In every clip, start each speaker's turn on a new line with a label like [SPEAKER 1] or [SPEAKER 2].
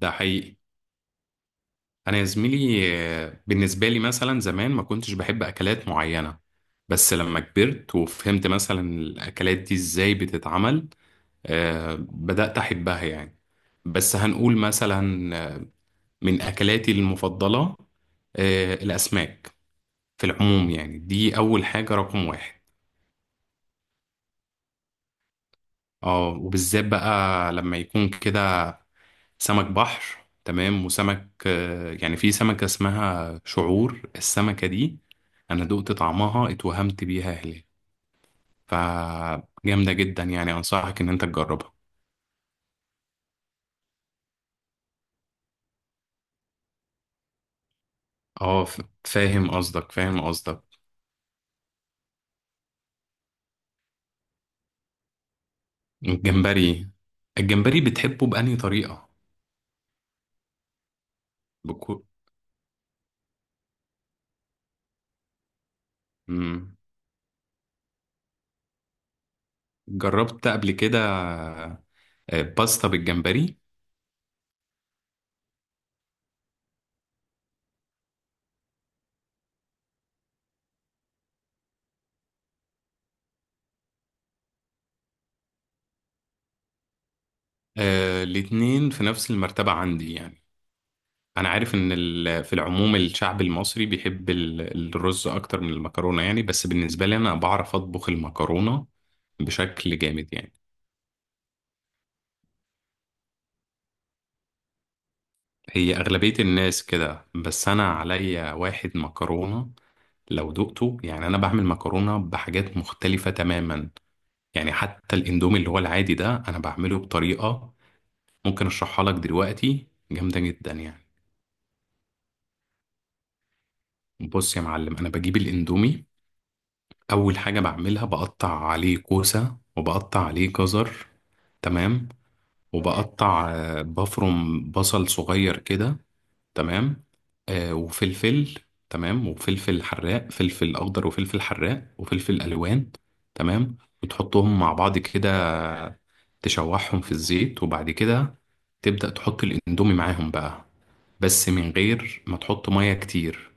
[SPEAKER 1] ده حقيقي. انا يا زميلي، بالنسبه لي مثلا زمان ما كنتش بحب اكلات معينه. بس لما كبرت وفهمت مثلا الاكلات دي ازاي بتتعمل بدات احبها يعني. بس هنقول مثلا من اكلاتي المفضله الاسماك في العموم، يعني دي اول حاجه رقم واحد. اه، وبالذات بقى لما يكون كده سمك بحر، تمام، وسمك، يعني في سمكة اسمها شعور، السمكة دي أنا دقت طعمها اتوهمت بيها هلال، فجامدة جدا يعني. أنصحك إن أنت تجربها. اه، فاهم قصدك، فاهم قصدك. الجمبري. الجمبري بتحبه بأنهي طريقة؟ بكو... مم. جربت قبل كده باستا بالجمبري. الاتنين في نفس المرتبة عندي يعني. انا عارف ان في العموم الشعب المصري بيحب الرز اكتر من المكرونه يعني، بس بالنسبه لي انا بعرف اطبخ المكرونه بشكل جامد يعني. هي اغلبيه الناس كده، بس انا عليا واحد مكرونه لو دقته يعني. انا بعمل مكرونه بحاجات مختلفه تماما، يعني حتى الاندومي اللي هو العادي ده انا بعمله بطريقه ممكن اشرحها لك دلوقتي، جامده جدا يعني. بص يا معلم، انا بجيب الاندومي، اول حاجه بعملها بقطع عليه كوسه وبقطع عليه جزر. تمام تمام. وبقطع آه، بفرم بصل صغير كده. تمام. وفلفل. تمام، وفلفل حراق، فلفل اخضر وفلفل حراق وفلفل الوان. تمام. وتحطهم مع بعض كده، تشوحهم في الزيت، وبعد كده تبدأ تحط الاندومي معاهم بقى، بس من غير ما تحط ميه كتير.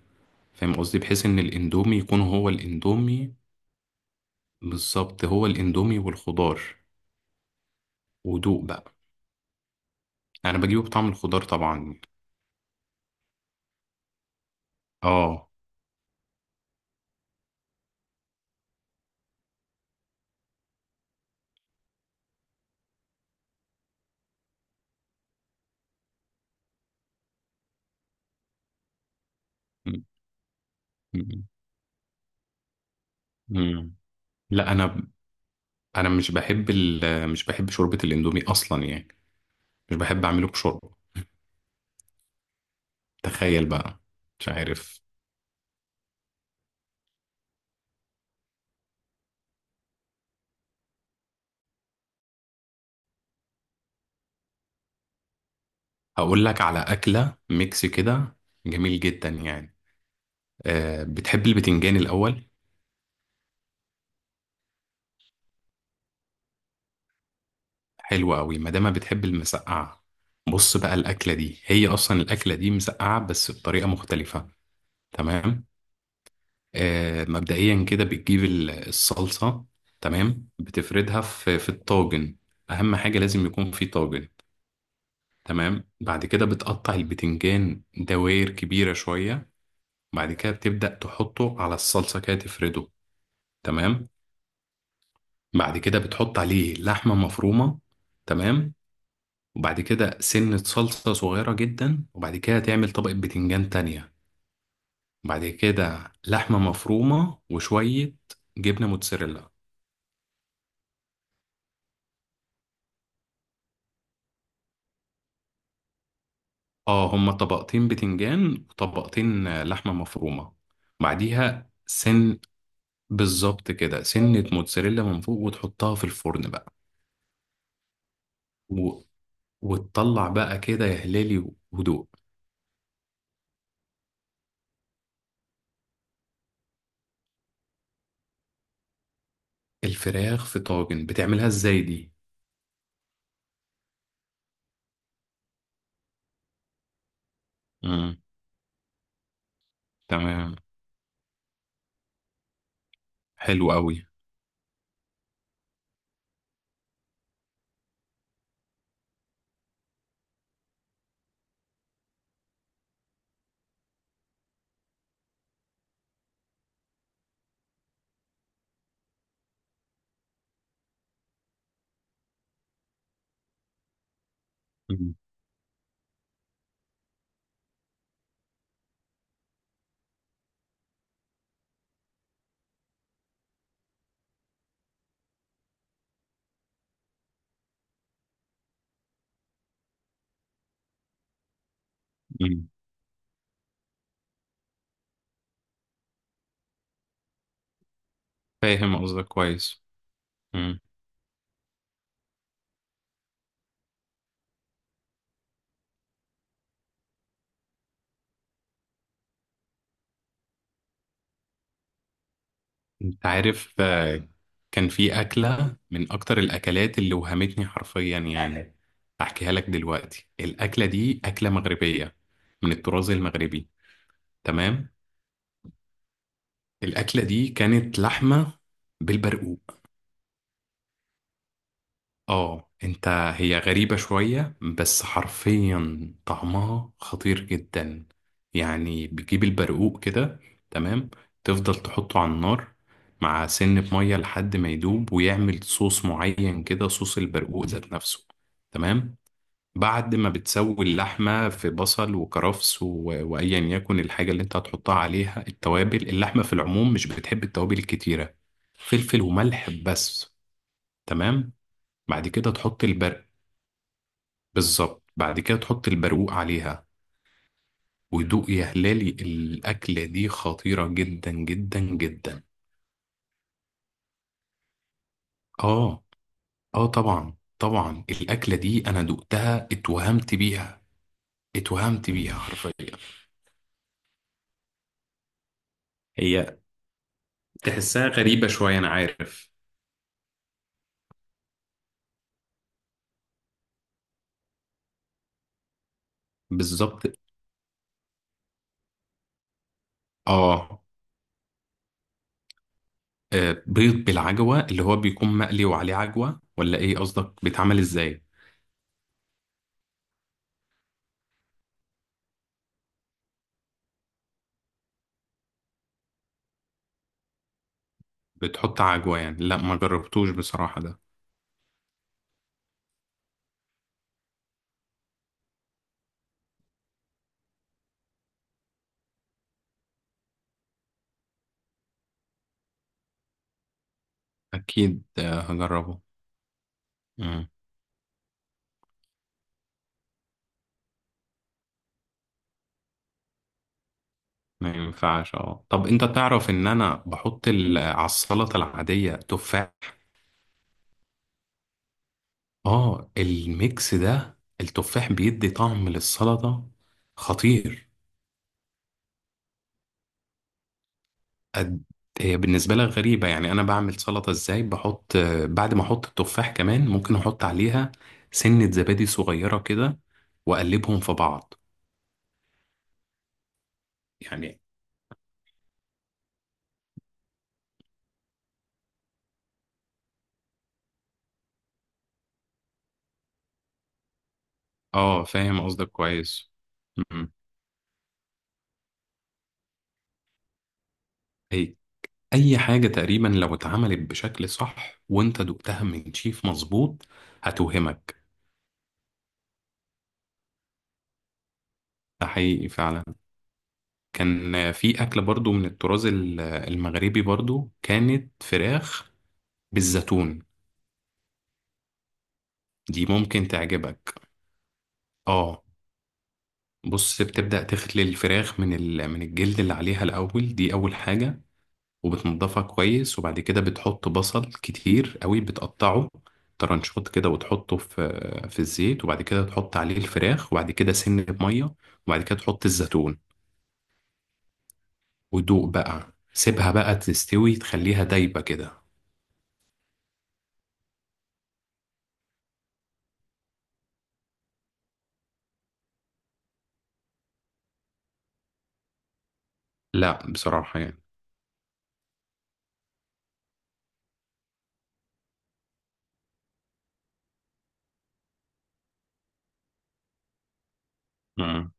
[SPEAKER 1] فاهم قصدي؟ بحيث ان الاندومي يكون هو الاندومي بالظبط، هو الاندومي والخضار، ودوق بقى. انا بجيبه بطعم الخضار طبعا. اه. م- م- م. لا، انا مش بحب مش بحب شوربة الاندومي اصلا يعني. مش بحب اعمله بشوربة. تخيل بقى، مش عارف. هقول لك على اكلة ميكس كده، جميل جدا يعني. أه، بتحب البتنجان الاول؟ حلو قوي ما دام بتحب المسقعة. بص بقى، الاكلة دي هي اصلا الاكلة دي مسقعة بس بطريقة مختلفة. تمام. مبدئيا كده بتجيب الصلصة، تمام، بتفردها في الطاجن. أهم حاجة لازم يكون في طاجن. تمام. بعد كده بتقطع البتنجان دوائر كبيرة شوية، بعد كده بتبدأ تحطه على الصلصة كده تفرده. تمام. بعد كده بتحط عليه لحمة مفرومة، تمام، وبعد كده سنة صلصة صغيرة جدا، وبعد كده تعمل طبقة بتنجان تانية، بعد كده لحمة مفرومة، وشوية جبنة موتزاريلا. اه، هما طبقتين بتنجان وطبقتين لحمة مفرومة. بعديها سن بالظبط كده، سنة موتزاريلا من فوق وتحطها في الفرن بقى. و... وتطلع بقى كده يا هلالي، هدوء. الفراخ في طاجن بتعملها ازاي دي؟ امم. تمام. حلو قوي. مم. مم. فاهم قصدك كويس. إمم. انت عارف كان في أكلة من أكتر الأكلات اللي وهمتني حرفيا يعني. أحكيها لك دلوقتي. الأكلة دي أكلة مغربية، من الطراز المغربي. تمام. الأكلة دي كانت لحمة بالبرقوق. اه انت، هي غريبة شوية بس حرفيا طعمها خطير جدا. يعني بتجيب البرقوق كده، تمام، تفضل تحطه على النار مع سن مية لحد ما يدوب ويعمل صوص معين كده، صوص البرقوق ذات نفسه. تمام. بعد ما بتسوي اللحمة في بصل وكرفس وأيا يكن الحاجة اللي انت هتحطها عليها. التوابل اللحمة في العموم مش بتحب التوابل الكتيرة، فلفل وملح بس. تمام. بعد كده تحط البرق بالظبط، بعد كده تحط البرقوق عليها، ودوق يا هلالي. الأكلة دي خطيرة جدا جدا جدا. آه، آه، طبعا طبعا. الأكلة دي أنا دقتها اتوهمت بيها، اتوهمت بيها حرفيا. هي تحسها غريبة شوية، أنا عارف. بالظبط. آه. بيض بالعجوة اللي هو بيكون مقلي وعليه عجوة، ولا إيه قصدك؟ بيتعمل إزاي؟ بتحط عجوة يعني؟ لا، ما جربتوش بصراحة ده. أكيد هجربه. مم. ما ينفعش. اه، طب انت تعرف ان انا بحط على السلطه العاديه تفاح. اه، الميكس ده، التفاح بيدي طعم للسلطه خطير. قد- هي بالنسبه لك غريبه يعني. انا بعمل سلطه ازاي؟ بحط بعد ما احط التفاح كمان ممكن احط عليها سنه زبادي صغيره كده، واقلبهم في بعض. يعني. اه، فاهم قصدك كويس. م- م. اي حاجة تقريبا لو اتعملت بشكل صح، وانت دقتها من شيف مظبوط، هتوهمك. ده حقيقي فعلا. كان في اكلة برضو من الطراز المغربي برضو، كانت فراخ بالزيتون. دي ممكن تعجبك. اه، بص، بتبدأ تخلي الفراخ من من الجلد اللي عليها الاول، دي اول حاجة. وبتنضفها كويس، وبعد كده بتحط بصل كتير قوي، بتقطعه ترنشات كده وتحطه في الزيت، وبعد كده تحط عليه الفراخ، وبعد كده سن بمية، وبعد كده تحط الزيتون ودوق بقى. سيبها بقى تستوي، تخليها دايبة كده. لا بصراحة يعني. مم.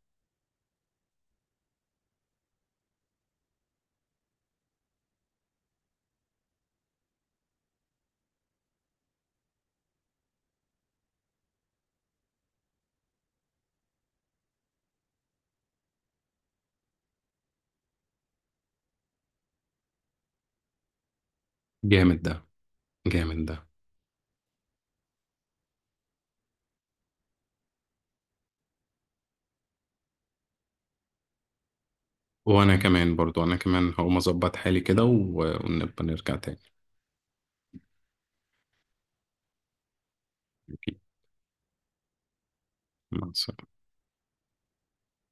[SPEAKER 1] جامد ده، جامد ده. وانا كمان برضو، انا كمان هقوم اظبط حالي كده ونبقى نرجع تاني. أكيد. مع السلامة.